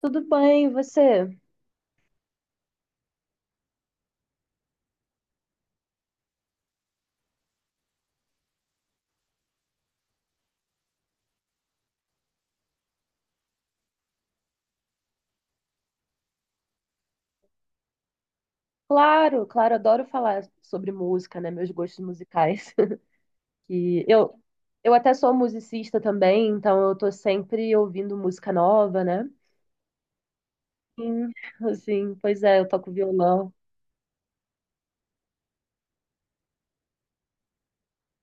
Tudo bem, e você? Claro, claro, adoro falar sobre música, né? Meus gostos musicais. E eu, eu até sou musicista também, então eu tô sempre ouvindo música nova, né? Sim, assim, pois é, eu toco violão.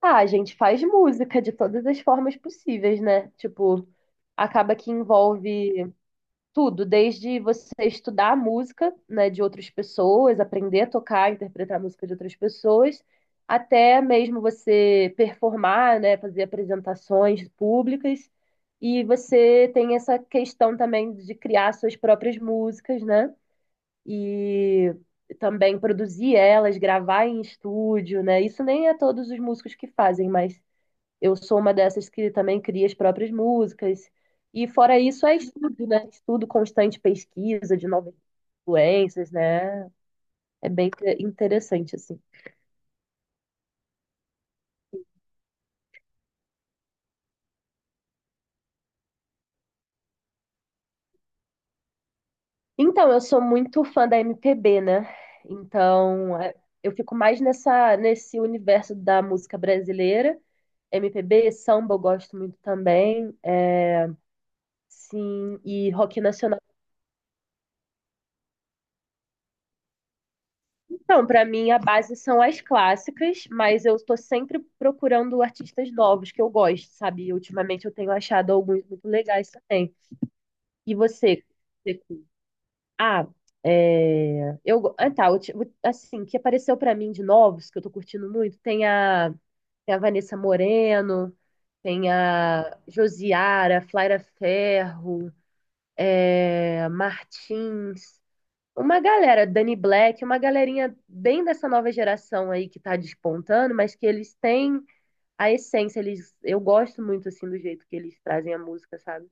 Ah, a gente faz música de todas as formas possíveis, né? Tipo, acaba que envolve. Tudo, desde você estudar a música, né, de outras pessoas, aprender a tocar, interpretar a música de outras pessoas, até mesmo você performar, né, fazer apresentações públicas. E você tem essa questão também de criar suas próprias músicas, né? E também produzir elas, gravar em estúdio, né? Isso nem é todos os músicos que fazem, mas eu sou uma dessas que também cria as próprias músicas. E fora isso, é estudo, né? Estudo constante, pesquisa de novas influências, né? É bem interessante, assim. Então, eu sou muito fã da MPB, né? Então, é, eu fico mais nesse universo da música brasileira. MPB, samba eu gosto muito também. É, sim, e rock nacional. Então, para mim, a base são as clássicas, mas eu estou sempre procurando artistas novos que eu gosto, sabe? E ultimamente eu tenho achado alguns muito legais também. E você? Você curte? Ah, é... eu go- ah, tá, ulti- assim, que apareceu para mim de novos, que eu tô curtindo muito, tem a Vanessa Moreno, tem a Josiara, Flaira Ferro, é... Martins. Uma galera, Danny Black, uma galerinha bem dessa nova geração aí que tá despontando, mas que eles têm a essência, eles, eu gosto muito assim do jeito que eles trazem a música, sabe?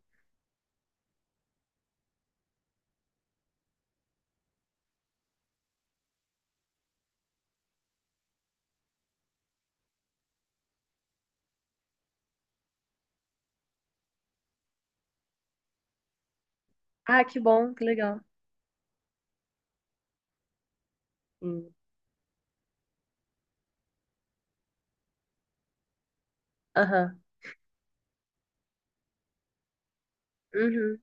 Ah, que bom, que legal. Sim. Aham. Uhum.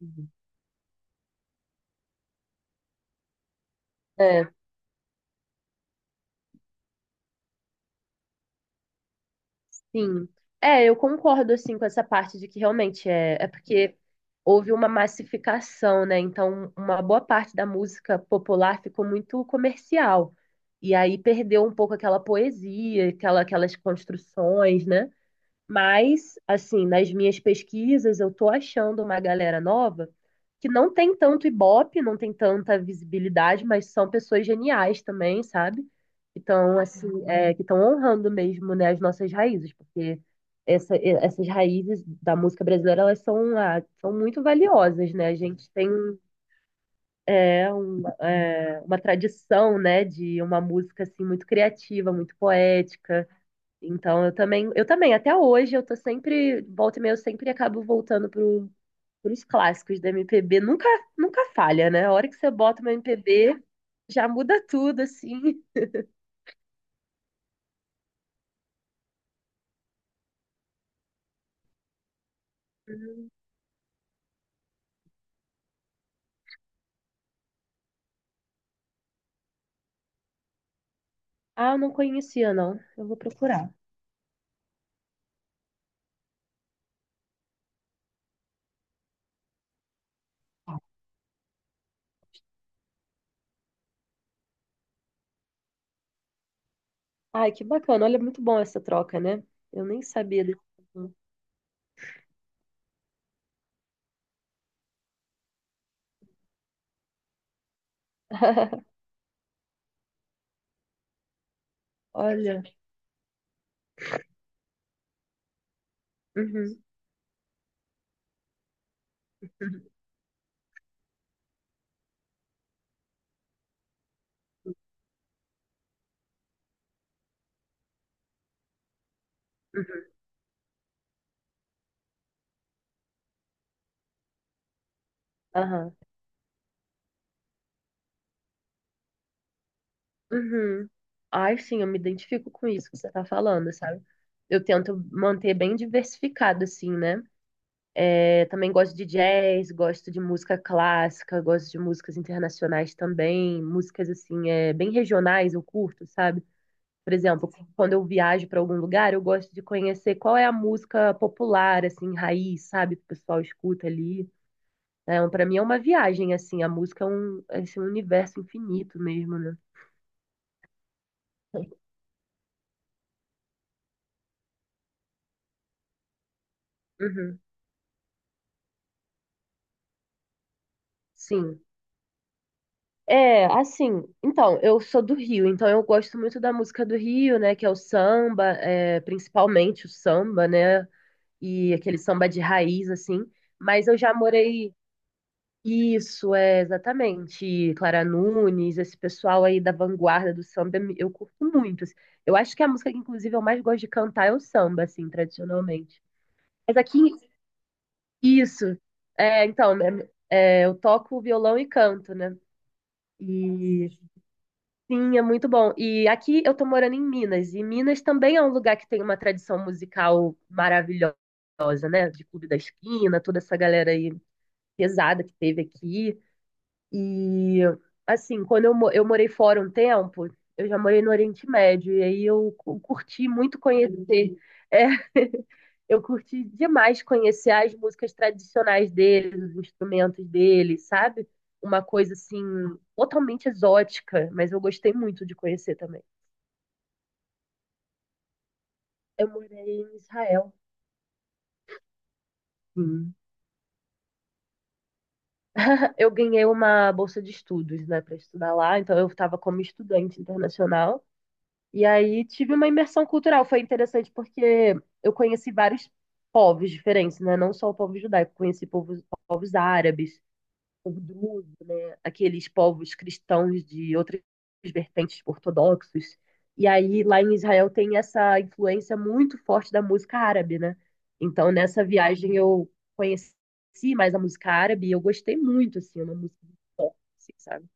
Uhum. É. Sim. É, eu concordo assim com essa parte de que realmente é porque houve uma massificação, né? Então, uma boa parte da música popular ficou muito comercial. E aí perdeu um pouco aquela poesia, aquelas construções, né? Mas, assim, nas minhas pesquisas, eu tô achando uma galera nova que não tem tanto ibope, não tem tanta visibilidade, mas são pessoas geniais também, sabe? Que estão, assim, é, que estão honrando mesmo, né, as nossas raízes, porque essas raízes da música brasileira, elas são, ah, são muito valiosas, né? A gente tem uma tradição, né, de uma música, assim, muito criativa, muito poética, então eu também, até hoje eu tô sempre, volta e meia, eu sempre acabo voltando pro, pros clássicos da MPB. Nunca falha, né? A hora que você bota uma MPB, já muda tudo, assim. Hum. Ah, eu não conhecia, não. Eu vou procurar. Ai, que bacana. Olha, muito bom essa troca, né? Eu nem sabia desse. Olha. Uhum, uhum, aham, uhum. Ai, sim, eu me identifico com isso que você tá falando, sabe? Eu tento manter bem diversificado, assim, né? É, também gosto de jazz, gosto de música clássica, gosto de músicas internacionais também, músicas assim, é, bem regionais eu curto, sabe? Por exemplo, quando eu viajo para algum lugar, eu gosto de conhecer qual é a música popular, assim, raiz, sabe? Que o pessoal escuta ali. É, para mim é uma viagem, assim, a música é um, é, assim, um universo infinito mesmo, né? Uhum, sim. É, assim, então, eu sou do Rio, então eu gosto muito da música do Rio, né, que é o samba, é, principalmente o samba, né, e aquele samba de raiz, assim, mas eu já morei, isso, é, exatamente, Clara Nunes, esse pessoal aí da vanguarda do samba, eu curto muito, assim. Eu acho que a música que, inclusive, eu mais gosto de cantar é o samba, assim, tradicionalmente. Mas aqui, isso, é, então, é, eu toco violão e canto, né, e... Sim, é muito bom. E aqui eu tô morando em Minas, e Minas também é um lugar que tem uma tradição musical maravilhosa, né? De Clube da Esquina, toda essa galera aí pesada que teve aqui. E assim, eu morei fora um tempo, eu já morei no Oriente Médio, e aí eu curti muito conhecer. É, eu curti demais conhecer as músicas tradicionais deles, os instrumentos deles, sabe? Uma coisa assim totalmente exótica, mas eu gostei muito de conhecer também. Eu morei em Israel. Sim. Eu ganhei uma bolsa de estudos, né, para estudar lá, então eu estava como estudante internacional. E aí tive uma imersão cultural, foi interessante porque eu conheci vários povos diferentes, né? Não só o povo judaico, povos árabes, povo druso, né? Aqueles povos cristãos de outras vertentes ortodoxos. E aí lá em Israel tem essa influência muito forte da música árabe, né? Então nessa viagem eu conheci mais a música árabe e eu gostei muito, assim, é uma música muito forte, assim, sabe?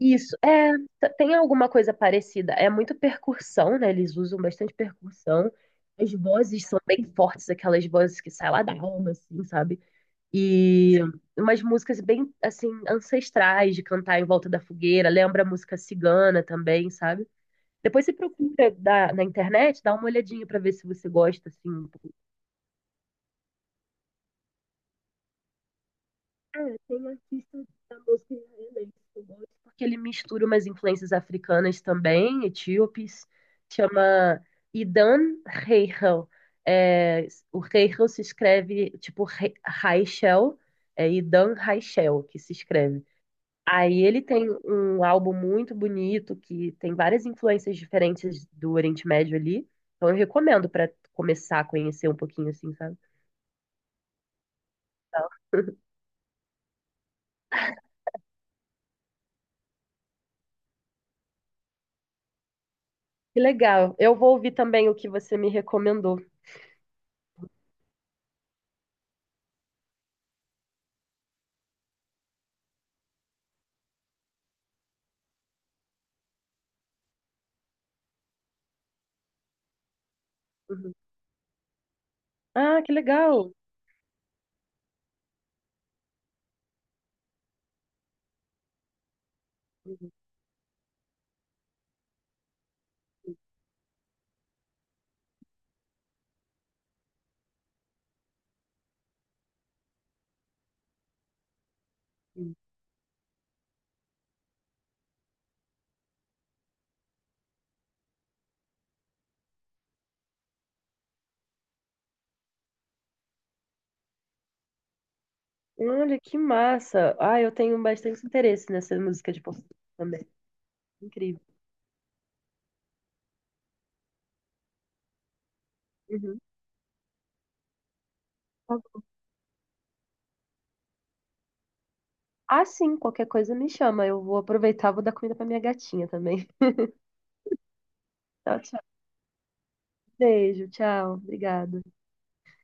Isso, é, tem alguma coisa parecida. É muito percussão, né? Eles usam bastante percussão. As vozes são bem fortes, aquelas vozes que saem lá da alma, assim, sabe? E umas músicas bem, assim, ancestrais de cantar em volta da fogueira. Lembra a música cigana também, sabe? Depois você procura na internet, dá uma olhadinha pra ver se você gosta, assim. Um pouco. É, tem um artista da música israelense que eu gosto, porque ele mistura umas influências africanas também, etíopes. Chama Idan Reichel. É, o Reichel se escreve, tipo, Raichel. É Idan Raichel que se escreve. Aí ele tem um álbum muito bonito que tem várias influências diferentes do Oriente Médio ali. Então eu recomendo para começar a conhecer um pouquinho assim, sabe? Tá. Que legal. Eu vou ouvir também o que você me recomendou. Uhum. Ah, que legal. Uhum. Olha, que massa. Ah, eu tenho bastante interesse nessa música de português também. Incrível. Uhum. Ah, sim, qualquer coisa me chama. Eu vou aproveitar, vou dar comida pra minha gatinha também. Tchau, tchau. Beijo, tchau. Obrigada.